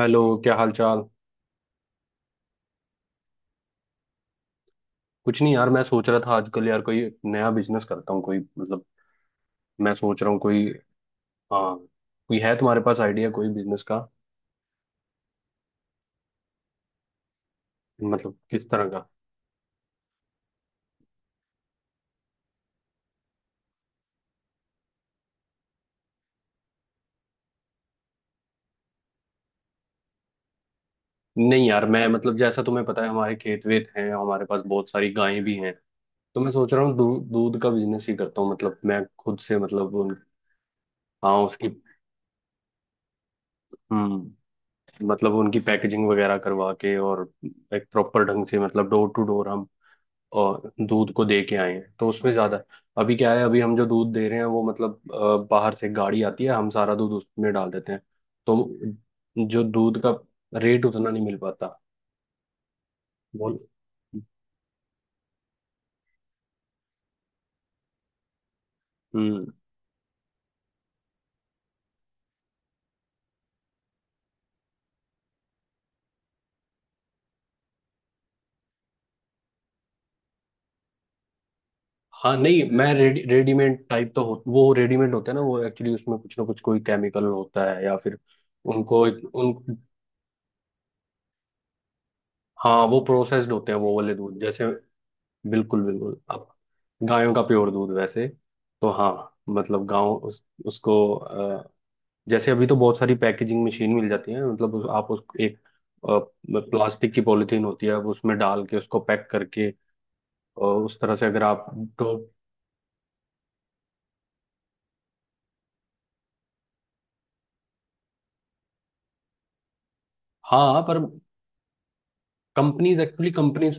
Hello, क्या हाल चाल। कुछ नहीं यार, मैं सोच रहा था आजकल यार कोई नया बिजनेस करता हूँ। कोई, मतलब मैं सोच रहा हूँ कोई। हाँ। कोई है तुम्हारे पास आइडिया, कोई बिजनेस का? मतलब किस तरह का? नहीं यार, मैं मतलब जैसा तुम्हें पता है, हमारे खेत वेत हैं, हमारे पास बहुत सारी गायें भी हैं। तो मैं सोच रहा हूँ दूध का बिजनेस ही करता हूँ, मतलब मैं खुद से, मतलब उन। हाँ, उसकी। हम्म। मतलब उनकी पैकेजिंग वगैरह करवा के, और एक प्रॉपर ढंग से, मतलब डोर टू डोर हम और दूध को दे के आए हैं तो उसमें ज्यादा। अभी क्या है, अभी हम जो दूध दे रहे हैं, वो मतलब बाहर से गाड़ी आती है, हम सारा दूध उसमें डाल देते हैं। तो जो दूध का रेट उतना नहीं मिल पाता वो। हम्म। हाँ, नहीं मैं रेडीमेड टाइप तो हो, वो रेडीमेड होता है ना, वो एक्चुअली उसमें कुछ ना कुछ कोई केमिकल होता है या फिर उन। हाँ, वो प्रोसेस्ड होते हैं वो वाले दूध जैसे। बिल्कुल बिल्कुल, अब गायों का प्योर दूध वैसे। तो हाँ। मतलब गांव उसको जैसे अभी तो बहुत सारी पैकेजिंग मशीन मिल जाती है, मतलब आप उस एक अ, प्लास्टिक की पॉलिथीन होती है, अब उसमें डाल के उसको पैक करके और उस तरह से अगर आप। तो हाँ पर। कंपनीज,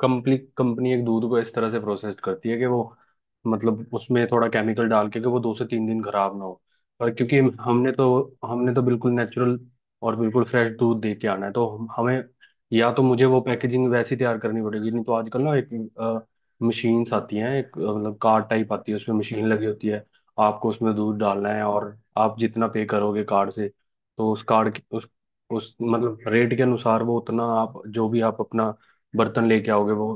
कंपनी कंपनी एक दूध को इस तरह से प्रोसेस करती है कि वो, मतलब उसमें थोड़ा केमिकल डाल के कि वो 2 से 3 दिन खराब ना हो। पर क्योंकि हमने तो बिल्कुल नेचुरल और बिल्कुल फ्रेश दूध दे के आना है, तो हमें या तो मुझे वो पैकेजिंग वैसी तैयार करनी पड़ेगी, नहीं तो आजकल ना एक मशीन्स आती हैं, एक मतलब कार्ड टाइप आती है, उसमें मशीन लगी होती है। आपको उसमें दूध डालना है और आप जितना पे करोगे कार्ड से, तो उस कार्ड उस, मतलब रेट के अनुसार वो उतना, आप जो भी आप अपना बर्तन लेके आओगे वो।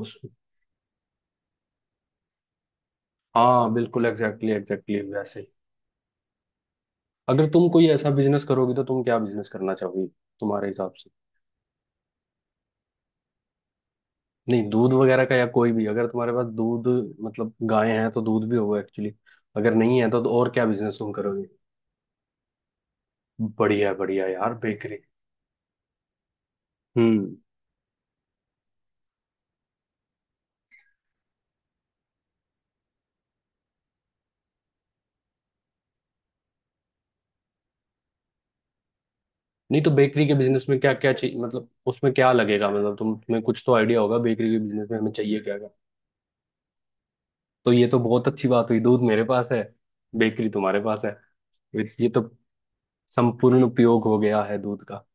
हाँ, बिल्कुल, एग्जैक्टली एग्जैक्टली वैसे ही। अगर तुम कोई ऐसा बिजनेस करोगी तो तुम क्या बिजनेस करना चाहोगी, तुम्हारे हिसाब से? नहीं, दूध वगैरह का या कोई भी, अगर तुम्हारे पास दूध, मतलब गाय हैं तो दूध भी होगा एक्चुअली। अगर नहीं है तो और क्या बिजनेस तुम करोगे? बढ़िया बढ़िया यार, बेकरी। हम्म। नहीं तो बेकरी के बिजनेस में क्या क्या चीज, मतलब उसमें क्या लगेगा, मतलब तुम्हें कुछ तो आइडिया होगा बेकरी के बिजनेस में, हमें चाहिए क्या क्या? तो ये तो बहुत अच्छी बात हुई, दूध मेरे पास है, बेकरी तुम्हारे पास है। ये तो संपूर्ण उपयोग हो गया है दूध का।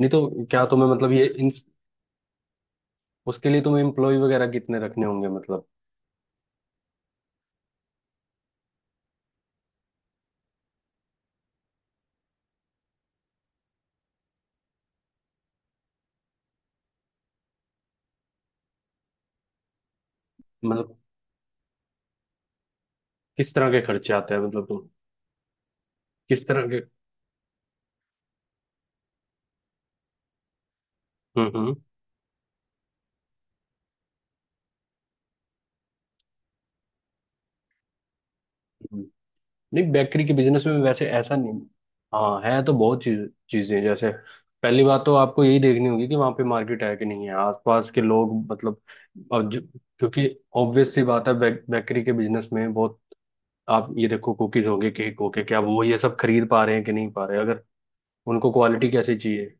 नहीं तो क्या तुम्हें, मतलब ये इन, उसके लिए तुम्हें एम्प्लॉय वगैरह कितने रखने होंगे, मतलब? मतलब किस तरह के खर्चे आते हैं, मतलब तुम, किस तरह के? हम्म हम्म हम्म। नहीं, बेकरी के बिजनेस में वैसे ऐसा नहीं। हाँ, है तो बहुत चीज, चीजें जैसे, पहली बात तो आपको यही देखनी होगी कि वहाँ पे मार्केट है कि नहीं है, आसपास के लोग मतलब। और क्योंकि ऑब्वियस सी बात है, बेकरी के बिजनेस में बहुत, आप ये देखो कुकीज होंगे, केक होगे, क्या वो ये सब खरीद पा रहे हैं कि नहीं पा रहे, अगर उनको क्वालिटी कैसी चाहिए?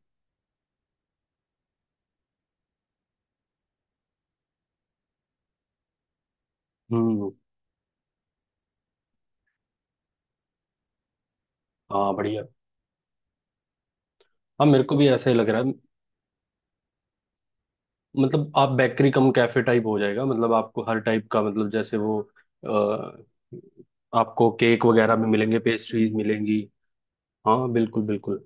हम्म। हाँ, बढ़िया। हाँ, मेरे को भी ऐसा ही लग रहा है। मतलब आप बेकरी कम कैफे टाइप हो जाएगा, मतलब आपको हर टाइप का, मतलब जैसे वो अ, आपको केक वगैरह भी मिलेंगे, पेस्ट्रीज मिलेंगी। हाँ, बिल्कुल बिल्कुल।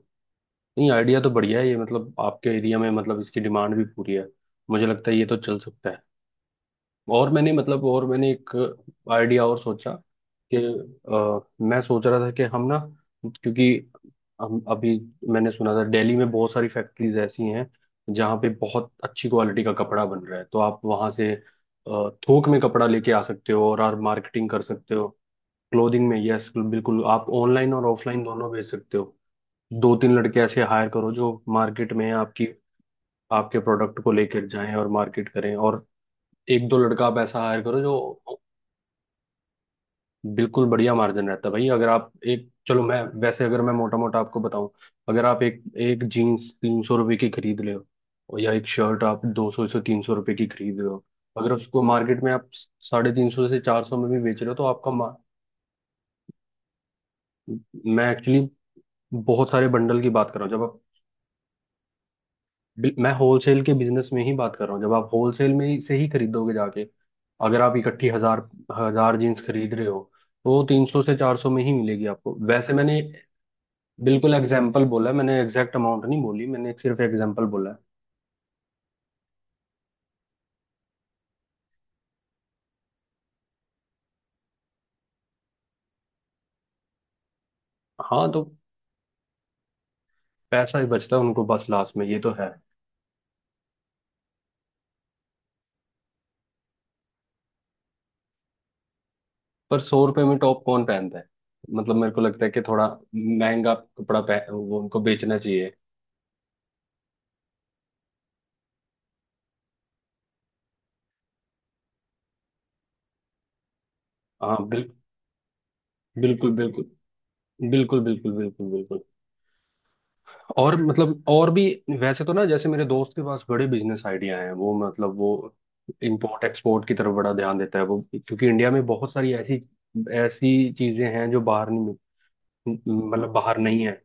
नहीं, आइडिया तो बढ़िया है ये, मतलब आपके एरिया में, मतलब इसकी डिमांड भी पूरी है। मुझे लगता है ये तो चल सकता है। और मैंने, मतलब और मैंने एक आइडिया और सोचा, कि मैं सोच रहा था कि हम ना, क्योंकि हम अभी, मैंने सुना था दिल्ली में बहुत सारी फैक्ट्रीज ऐसी हैं जहाँ पे बहुत अच्छी क्वालिटी का कपड़ा बन रहा है, तो आप वहाँ से थोक में कपड़ा लेके आ सकते हो और आप मार्केटिंग कर सकते हो। क्लोथिंग में, यस बिल्कुल, आप ऑनलाइन और ऑफलाइन दोनों भेज सकते हो। दो तीन लड़के ऐसे हायर करो जो मार्केट में आपकी, आपके प्रोडक्ट को लेकर जाएं और मार्केट करें, और एक दो लड़का आप ऐसा हायर करो जो बिल्कुल बढ़िया मार्जिन रहता है भाई। अगर आप एक, चलो मैं वैसे, अगर मैं मोटा मोटा आपको बताऊं, अगर आप एक एक जीन्स 300 रुपये की खरीद रहे हो, और या एक शर्ट आप 200 से 300 रुपये की खरीद रहे हो, अगर उसको मार्केट में आप 350 से 400 में भी बेच रहे हो तो आपका मैं एक्चुअली बहुत सारे बंडल की बात कर रहा हूँ, जब आप, मैं होलसेल के बिजनेस में ही बात कर रहा हूँ, जब आप होलसेल में से ही खरीदोगे जाके, अगर आप इकट्ठी हजार हजार जीन्स खरीद रहे हो, तो 300 से 400 में ही मिलेगी आपको। वैसे मैंने बिल्कुल एग्जाम्पल बोला है मैंने, एग्जैक्ट अमाउंट नहीं बोली मैंने, एक सिर्फ एग्जाम्पल बोला है। हाँ तो, पैसा ही बचता है उनको बस लास्ट में, ये तो है। पर 100 रुपए में टॉप कौन पहनता है? मतलब मेरे को लगता है कि थोड़ा महंगा कपड़ा पह वो उनको बेचना चाहिए। हाँ, बिल्कुल बिल्कुल बिल्कुल बिल्कुल बिल्कुल बिल्कुल। और मतलब, और भी वैसे तो ना, जैसे मेरे दोस्त के पास बड़े बिजनेस आइडिया हैं, वो मतलब वो इंपोर्ट एक्सपोर्ट की तरफ बड़ा ध्यान देता है वो, क्योंकि इंडिया में बहुत सारी ऐसी ऐसी चीजें हैं जो बाहर नहीं, मतलब बाहर नहीं है।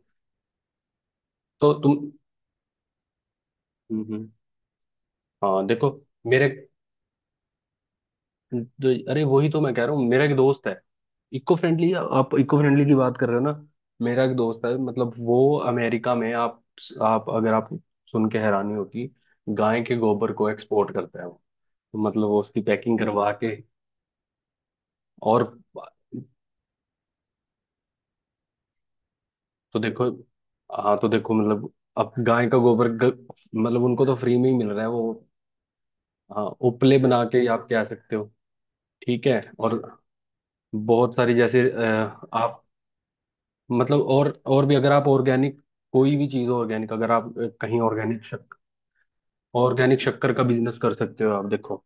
तो तुम, हम्म, हम्म, हाँ देखो। मेरे अरे वही तो मैं कह रहा हूँ, मेरा एक दोस्त है। इको फ्रेंडली, आप इको फ्रेंडली की बात कर रहे हो ना? मेरा एक दोस्त है, मतलब वो अमेरिका में, आप अगर आप सुन के हैरानी होगी, गाय के गोबर को एक्सपोर्ट करता है वो। तो मतलब वो उसकी पैकिंग करवा के और, तो देखो। हाँ तो देखो, मतलब अब गाय का गोबर मतलब उनको तो फ्री में ही मिल रहा है वो। हाँ, उपले बना के ही आप कह सकते हो। ठीक है, और बहुत सारी जैसे आप, मतलब और भी, अगर आप ऑर्गेनिक, कोई भी चीज ऑर्गेनिक, अगर आप कहीं ऑर्गेनिक शक्कर का बिजनेस कर सकते हो, आप देखो।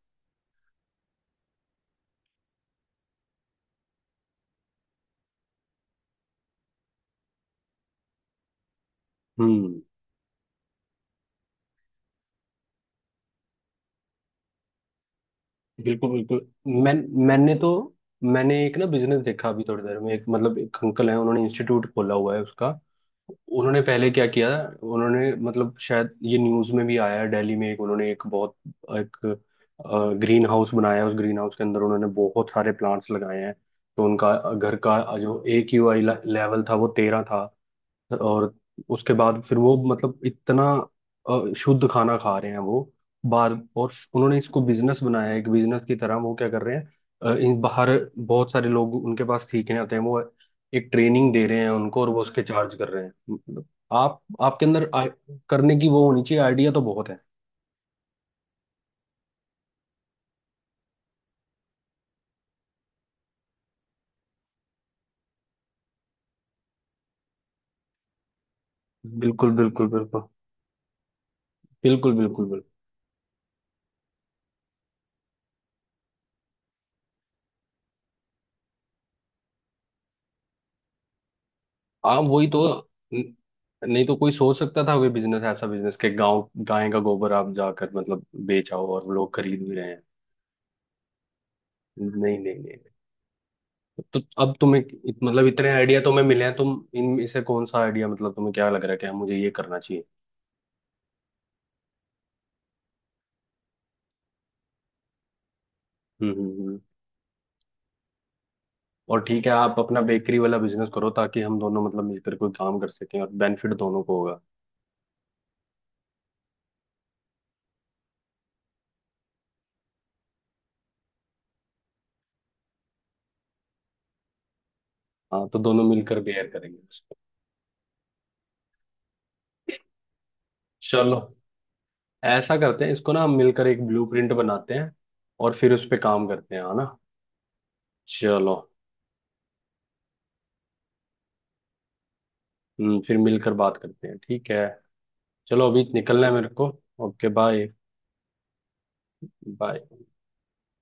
हम्म। बिल्कुल बिल्कुल। मैं मैंने तो, मैंने एक ना बिजनेस देखा अभी थोड़ी देर में, एक मतलब एक अंकल है, उन्होंने इंस्टीट्यूट खोला हुआ है उसका। उन्होंने पहले क्या किया? उन्होंने मतलब शायद ये न्यूज में भी आया है, दिल्ली में एक उन्होंने एक बहुत एक ग्रीन हाउस बनाया है। उस ग्रीन हाउस के अंदर उन्होंने बहुत सारे प्लांट्स लगाए हैं। तो उनका घर का जो AQI लेवल था वो 13 था। और उसके बाद फिर वो मतलब इतना शुद्ध खाना खा रहे हैं वो बाहर। और उन्होंने इसको बिजनेस बनाया है, एक बिजनेस की तरह वो क्या कर रहे हैं, इन बाहर बहुत सारे लोग उनके पास सीखने आते हैं, वो एक ट्रेनिंग दे रहे हैं उनको, और वो उसके चार्ज कर रहे हैं मतलब। आप आपके अंदर करने की वो होनी चाहिए, आइडिया तो बहुत है। बिल्कुल बिल्कुल बिल्कुल बिल्कुल बिल्कुल बिल्कुल। आप वही तो न- नहीं तो कोई सोच सकता था वे बिजनेस, ऐसा बिजनेस के गांव गाय का गोबर आप जाकर मतलब बेचाओ और लोग खरीद भी रहे हैं। नहीं नहीं नहीं नहीं। तो अब तुम्हें मतलब इतने आइडिया तुम्हें मिले हैं, तुम इनमें से कौन सा आइडिया, मतलब तुम्हें क्या लग रहा है कि हाँ, मुझे ये करना चाहिए? हम्म हम्म हम्म। और ठीक है, आप अपना बेकरी वाला बिजनेस करो, ताकि हम दोनों मतलब मिलकर कोई काम कर सकें और बेनिफिट दोनों को होगा। हाँ तो दोनों मिलकर बेयर करेंगे उसको। चलो, ऐसा करते हैं इसको ना, हम मिलकर एक ब्लूप्रिंट बनाते हैं और फिर उस पे काम करते हैं, है ना? चलो। हम्म, फिर मिलकर बात करते हैं, ठीक है। चलो, अभी निकलना है मेरे को। Okay, bye bye.